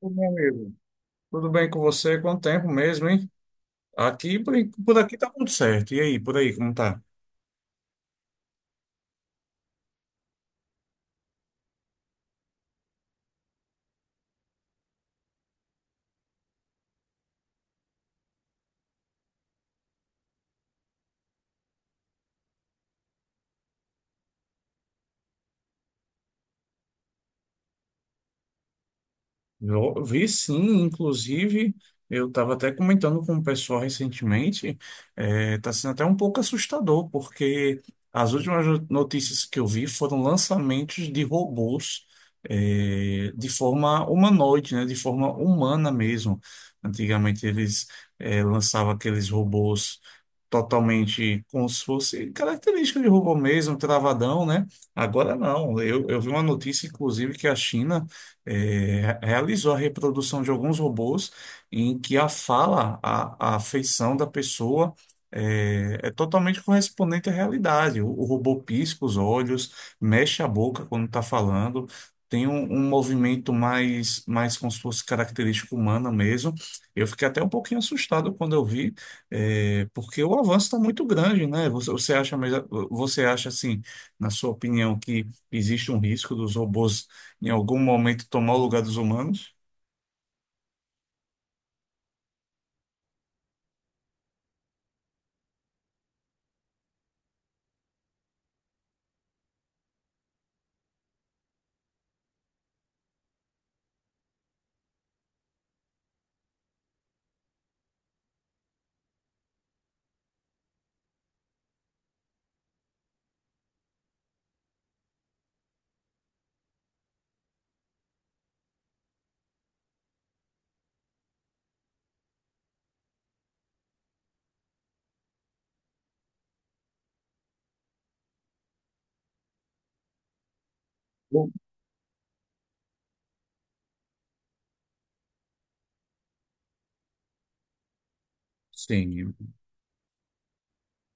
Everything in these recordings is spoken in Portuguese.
Ô, meu amigo, tudo bem com você? Quanto tempo mesmo, hein? Aqui, por aqui tá tudo certo. E aí, por aí, como tá? Eu vi sim, inclusive, eu estava até comentando com o pessoal recentemente, tá sendo até um pouco assustador, porque as últimas notícias que eu vi foram lançamentos de robôs, é, de forma humanoide, né? De forma humana mesmo. Antigamente eles, lançavam aqueles robôs, totalmente como se fosse característica de robô mesmo, travadão, né? Agora não. Eu vi uma notícia, inclusive, que a China realizou a reprodução de alguns robôs em que a fala, a feição da pessoa, é totalmente correspondente à realidade. O robô pisca os olhos, mexe a boca quando está falando. Tem um movimento mais, mais como se fosse característica humana mesmo. Eu fiquei até um pouquinho assustado quando eu vi, é, porque o avanço está muito grande, né? Você acha, você acha assim, na sua opinião, que existe um risco dos robôs em algum momento tomar o lugar dos humanos? Bom. Sim.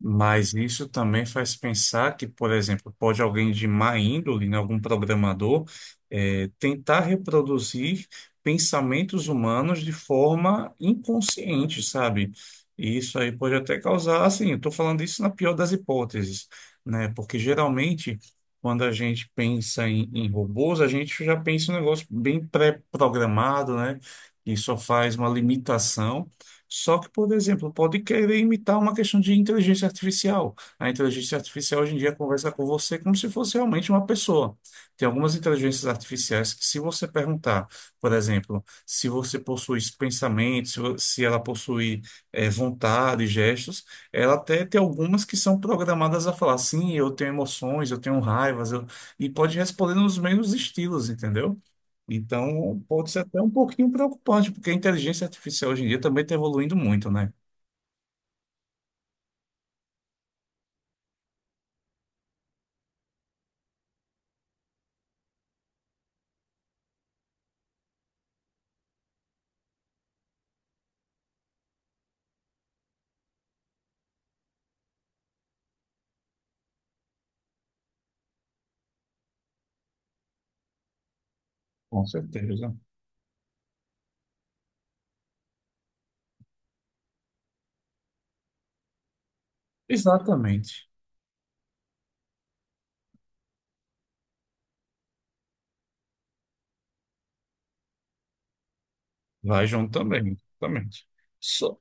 Mas isso também faz pensar que, por exemplo, pode alguém de má índole, né, algum programador, tentar reproduzir pensamentos humanos de forma inconsciente, sabe? E isso aí pode até causar, assim, eu estou falando isso na pior das hipóteses, né? Porque geralmente, quando a gente pensa em, em robôs, a gente já pensa em um negócio bem pré-programado, né? Que só faz uma limitação. Só que, por exemplo, pode querer imitar uma questão de inteligência artificial. A inteligência artificial hoje em dia conversa com você como se fosse realmente uma pessoa. Tem algumas inteligências artificiais que, se você perguntar, por exemplo, se você possui pensamentos, se se ela possui, vontade, gestos, ela até tem algumas que são programadas a falar, sim, eu tenho emoções, eu tenho raivas, eu... e pode responder nos mesmos estilos, entendeu? Então, pode ser até um pouquinho preocupante, porque a inteligência artificial hoje em dia também está evoluindo muito, né? Com certeza. Exatamente. Vai junto também, exatamente. Só.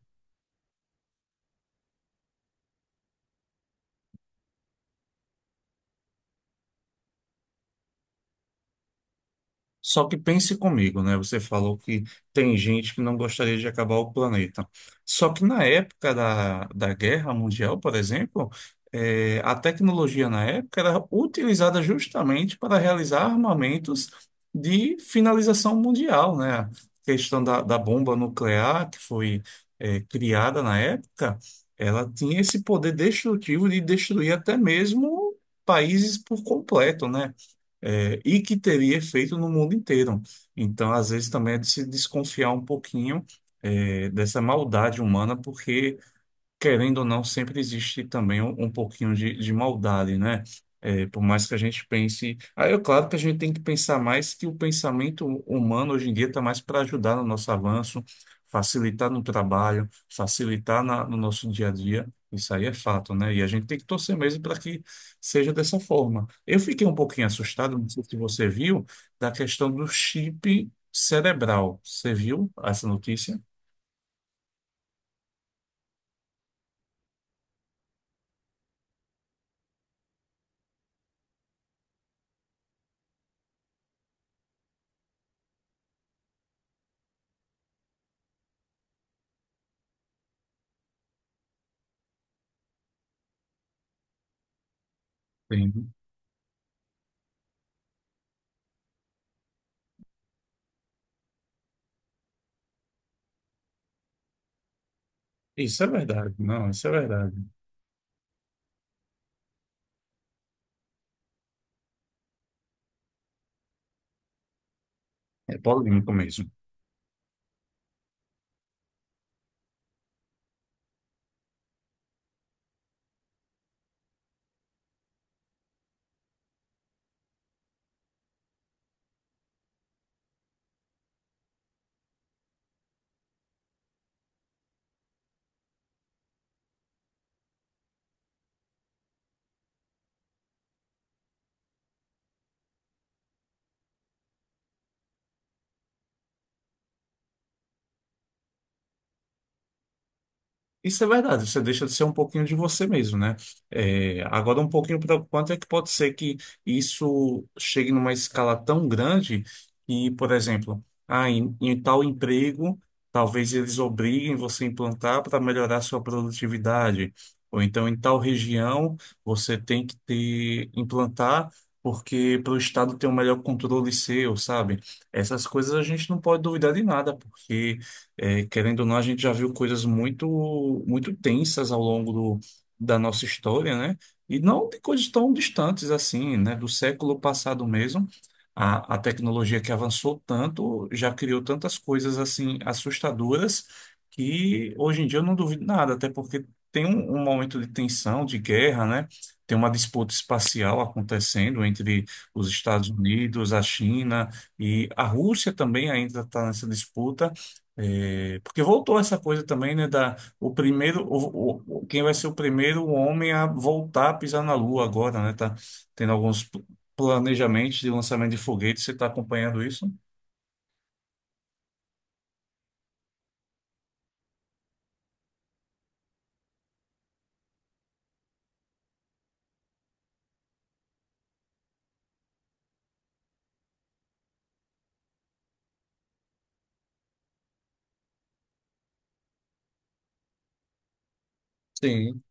Só que pense comigo, né? Você falou que tem gente que não gostaria de acabar o planeta. Só que na época da Guerra Mundial, por exemplo, a tecnologia na época era utilizada justamente para realizar armamentos de finalização mundial, né? A questão da bomba nuclear, que foi, criada na época, ela tinha esse poder destrutivo de destruir até mesmo países por completo, né? É, e que teria efeito no mundo inteiro. Então, às vezes, também é de se desconfiar um pouquinho, é, dessa maldade humana, porque querendo ou não, sempre existe também um pouquinho de maldade, né? É, por mais que a gente pense. Aí é claro que a gente tem que pensar mais que o pensamento humano hoje em dia está mais para ajudar no nosso avanço, facilitar no trabalho, facilitar no nosso dia a dia. Isso aí é fato, né? E a gente tem que torcer mesmo para que seja dessa forma. Eu fiquei um pouquinho assustado, não sei se você viu, da questão do chip cerebral. Você viu essa notícia? Sim. Isso é verdade, não, isso é verdade. É polêmico mesmo. Isso é verdade, você deixa de ser um pouquinho de você mesmo, né? É, agora, um pouquinho preocupante é que pode ser que isso chegue numa escala tão grande que, por exemplo, ah, em, em tal emprego, talvez eles obriguem você a implantar para melhorar sua produtividade. Ou então, em tal região, você tem que ter, implantar porque para o Estado ter um melhor controle seu, sabe? Essas coisas a gente não pode duvidar de nada, porque. É, querendo ou não, a gente já viu coisas muito, muito tensas ao longo da nossa história, né? E não de coisas tão distantes assim, né? Do século passado mesmo, a tecnologia que avançou tanto já criou tantas coisas assim assustadoras que hoje em dia eu não duvido nada, até porque tem um momento de tensão, de guerra, né? Tem uma disputa espacial acontecendo entre os Estados Unidos, a China e a Rússia também ainda está nessa disputa. É, porque voltou essa coisa também, né, da o primeiro quem vai ser o primeiro homem a voltar a pisar na Lua agora, né? Tá tendo alguns planejamentos de lançamento de foguetes, você está acompanhando isso? Sim.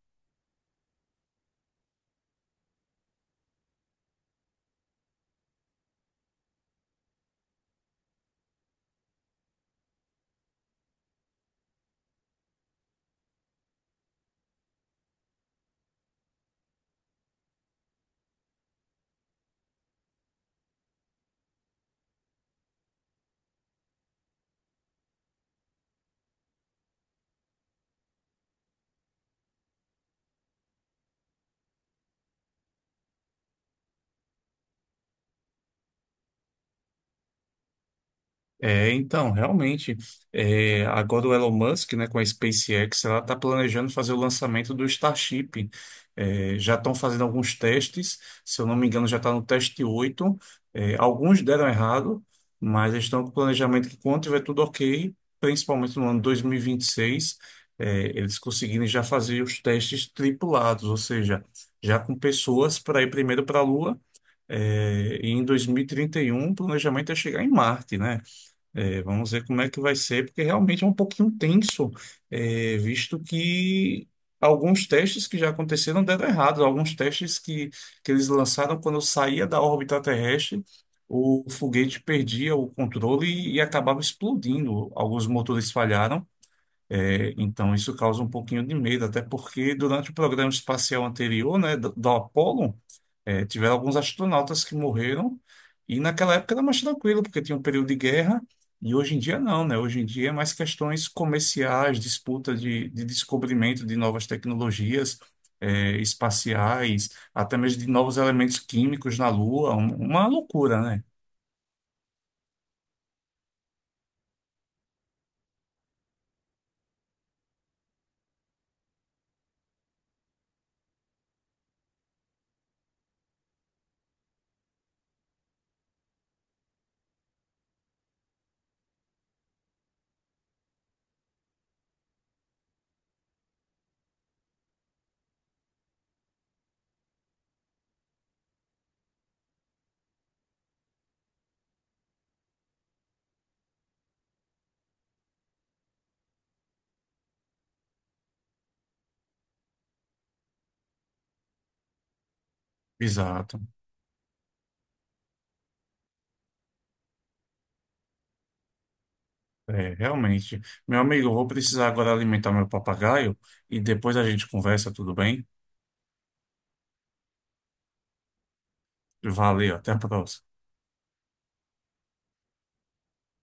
É, então, realmente, é, agora o Elon Musk, né, com a SpaceX, ela está planejando fazer o lançamento do Starship. É, já estão fazendo alguns testes, se eu não me engano, já está no teste 8. É, alguns deram errado, mas eles estão com o planejamento que quando tiver tudo ok, principalmente no ano 2026, é, eles conseguirem já fazer os testes tripulados, ou seja, já com pessoas para ir primeiro para a Lua. É, e em 2031, o planejamento é chegar em Marte, né? É, vamos ver como é que vai ser, porque realmente é um pouquinho tenso, é, visto que alguns testes que já aconteceram deram errado. Alguns testes que eles lançaram quando saía da órbita terrestre, o foguete perdia o controle e acabava explodindo. Alguns motores falharam, é, então isso causa um pouquinho de medo, até porque durante o programa espacial anterior, né, do Apollo, é, tiveram alguns astronautas que morreram, e naquela época era mais tranquilo, porque tinha um período de guerra, e hoje em dia não, né? Hoje em dia é mais questões comerciais, disputa de descobrimento de novas tecnologias, é, espaciais, até mesmo de novos elementos químicos na Lua, uma loucura, né? Exato. É, realmente. Meu amigo, eu vou precisar agora alimentar meu papagaio e depois a gente conversa, tudo bem? Valeu, até a próxima.